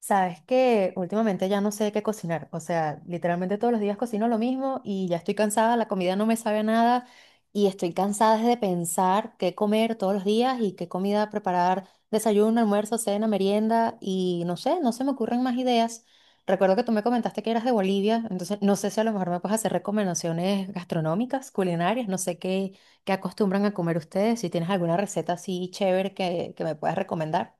Sabes que últimamente ya no sé qué cocinar, o sea, literalmente todos los días cocino lo mismo y ya estoy cansada, la comida no me sabe a nada y estoy cansada de pensar qué comer todos los días y qué comida preparar, desayuno, almuerzo, cena, merienda y no sé, no se me ocurren más ideas. Recuerdo que tú me comentaste que eras de Bolivia, entonces no sé si a lo mejor me puedes hacer recomendaciones gastronómicas, culinarias, no sé qué, acostumbran a comer ustedes, si tienes alguna receta así chévere que me puedas recomendar.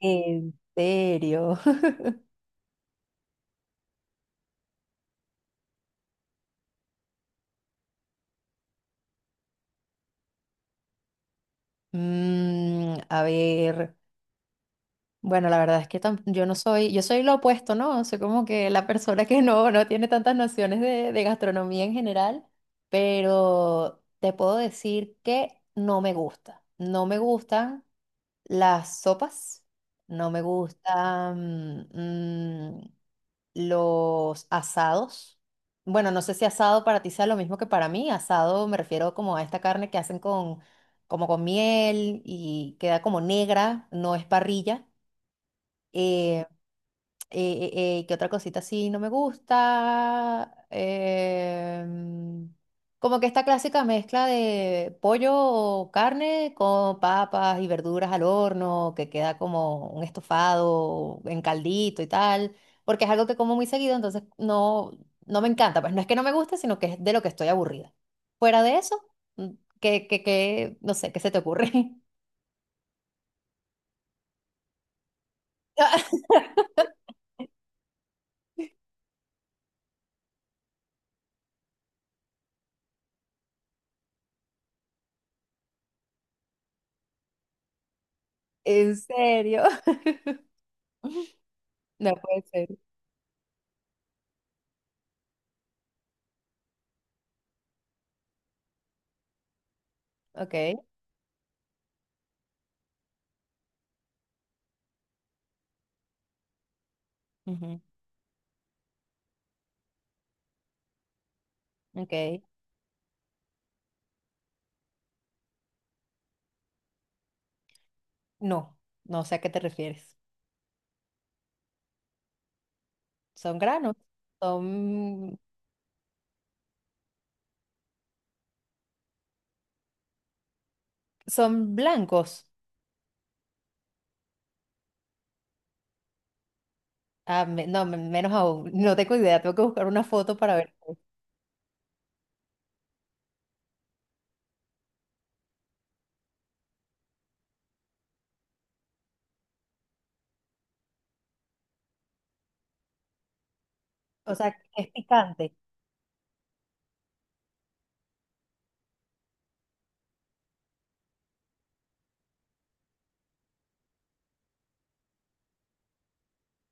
¿En serio? A ver, bueno, la verdad es que yo no soy, yo soy lo opuesto, ¿no? Soy como que la persona que no tiene tantas nociones de gastronomía en general, pero te puedo decir que no me gusta. No me gustan las sopas, no me gustan, los asados. Bueno, no sé si asado para ti sea lo mismo que para mí. Asado me refiero como a esta carne que hacen como con miel y queda como negra, no es parrilla. Eh, ¿Qué otra cosita así no me gusta? Como que esta clásica mezcla de pollo o carne con papas y verduras al horno, que queda como un estofado en caldito y tal, porque es algo que como muy seguido, entonces no, no me encanta. Pues no es que no me guste, sino que es de lo que estoy aburrida. Fuera de eso, mm, no sé, ¿qué se te ocurre? ¿En serio? No puede ser. Ok. Ujú, ok. No, no sé a qué te refieres. Son granos, son, son blancos. Ah, menos aún. No tengo idea, tengo que buscar una foto para ver. O sea, es picante.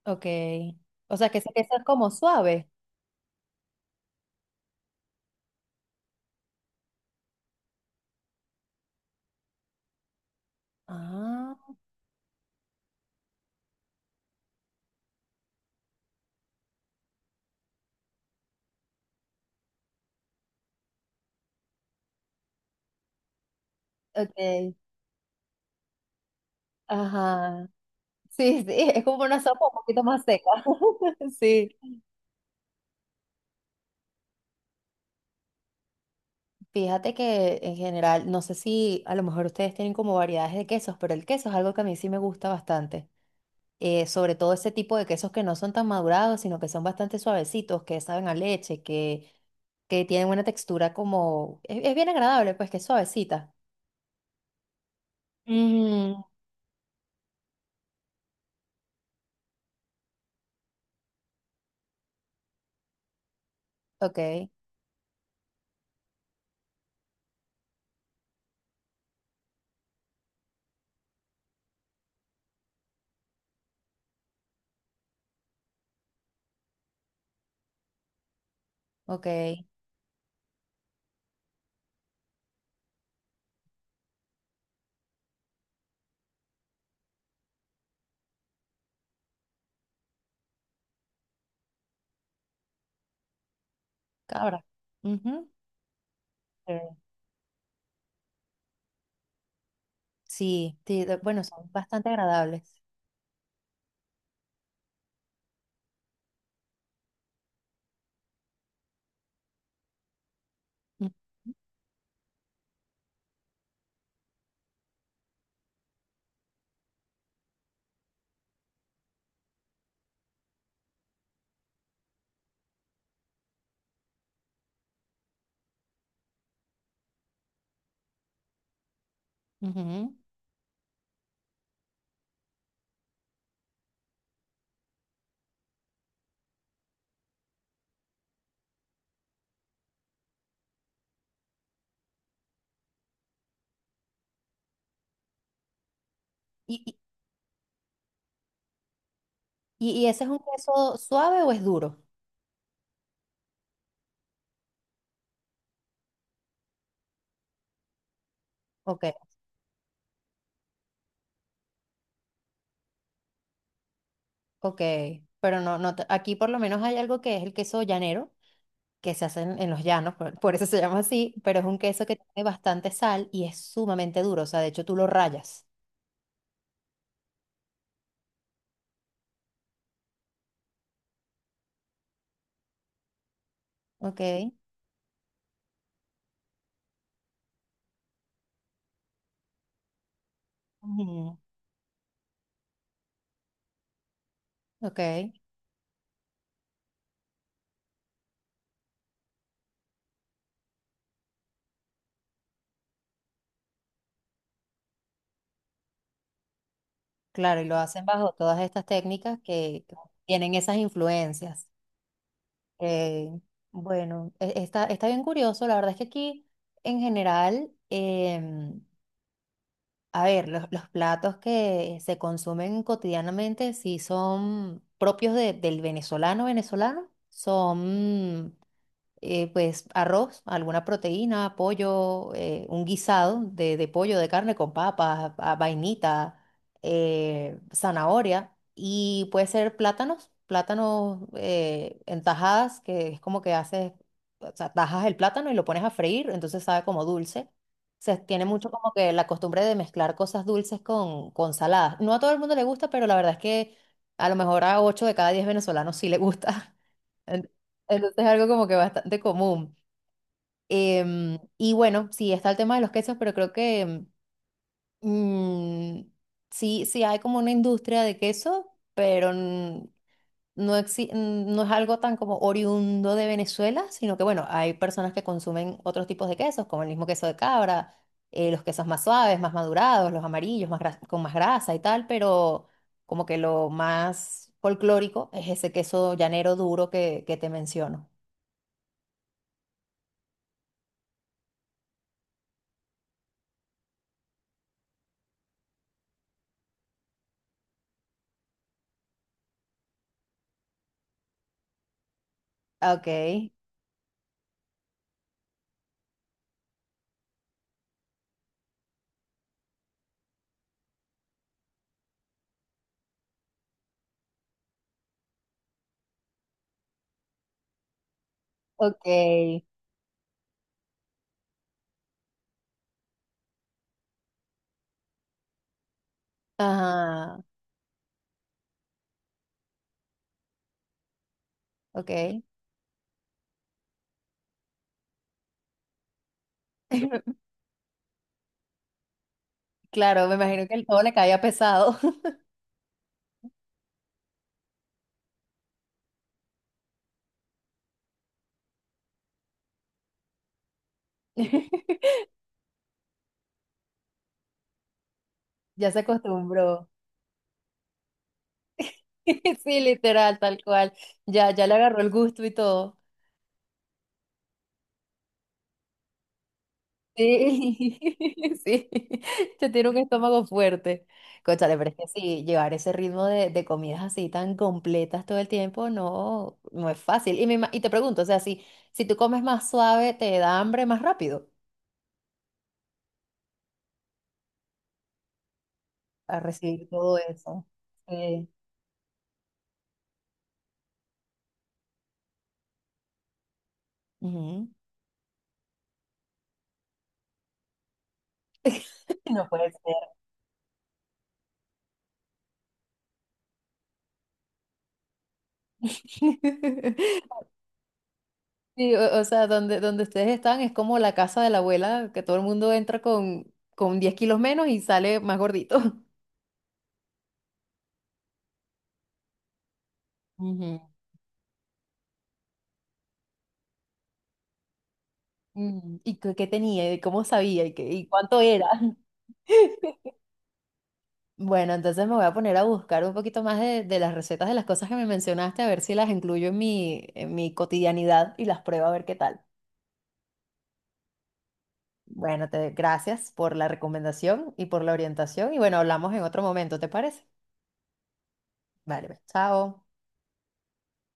Ok. O sea, ese queso es como suave. Ah, ok. Ajá. Sí, sí, es como una sopa un poquito más seca. Sí. Fíjate que en general, no sé si a lo mejor ustedes tienen como variedades de quesos, pero el queso es algo que a mí sí me gusta bastante. Eh, sobre todo ese tipo de quesos que no son tan madurados, sino que son bastante suavecitos, que saben a leche, que tienen una textura como es bien agradable, pues que es suavecita. Mm, ok, ok, cabra. Ujú. Eh, Sí, sí, bueno, son bastante agradables. Mm, ujú. ¿Y, y ese es un queso suave o es duro? Ok, ok, pero no, aquí por lo menos hay algo que es el queso llanero, que se hacen en los llanos, por eso se llama así, pero es un queso que tiene bastante sal y es sumamente duro, o sea, de hecho tú lo rayas, ¿ok? Ujú. Ok, claro, y lo hacen bajo todas estas técnicas que tienen esas influencias. Eh, bueno, está, está bien curioso, la verdad es que aquí en general, a ver, los platos que se consumen cotidianamente, si son propios del venezolano venezolano, son pues arroz, alguna proteína, pollo, un guisado de pollo, de carne con papas, vainita, zanahoria y puede ser plátanos, plátanos en tajadas, que es como que haces, o sea, tajas el plátano y lo pones a freír, entonces sabe como dulce. Se tiene mucho como que la costumbre de mezclar cosas dulces con saladas. No a todo el mundo le gusta, pero la verdad es que a lo mejor a 8 de cada 10 venezolanos sí le gusta. En- Entonces es algo como que bastante común. Em, y bueno, sí, está el tema de los quesos, pero creo que mm, sí, sí hay como una industria de queso, pero mm, no es algo tan como oriundo de Venezuela, sino que bueno, hay personas que consumen otros tipos de quesos, como el mismo queso de cabra, los quesos más suaves, más madurados, los amarillos, con más grasa y tal, pero como que lo más folclórico es ese queso llanero duro que te menciono. Okay, okay, ajá, okay. Claro, me imagino que el todo le caía pesado. Ya se acostumbró. Sí, literal, tal cual. Ya, ya le agarró el gusto y todo. Sí, sí. Ya tiene un estómago fuerte. Cónchale, pero es que sí, llevar ese ritmo de comidas así tan completas todo el tiempo no, no es fácil. Y, y te pregunto, o sea, si, si tú comes más suave, ¿te da hambre más rápido a recibir todo eso? Sí. Ujú. No puede ser. Sí, o sea, donde, donde ustedes están es como la casa de la abuela, que todo el mundo entra con 10 kilos menos y sale más gordito. Ujú. Mm, ¿y qué, qué tenía? ¿Y cómo sabía? ¿Y, y cuánto era? Era. Bueno, entonces me voy a poner a buscar un poquito más de las recetas de las cosas que me mencionaste, a ver si las incluyo en mi cotidianidad y las pruebo a ver qué tal. Bueno, te, gracias por la recomendación y por la orientación. Y bueno, hablamos en otro momento, ¿te parece? Vale, pues, chao.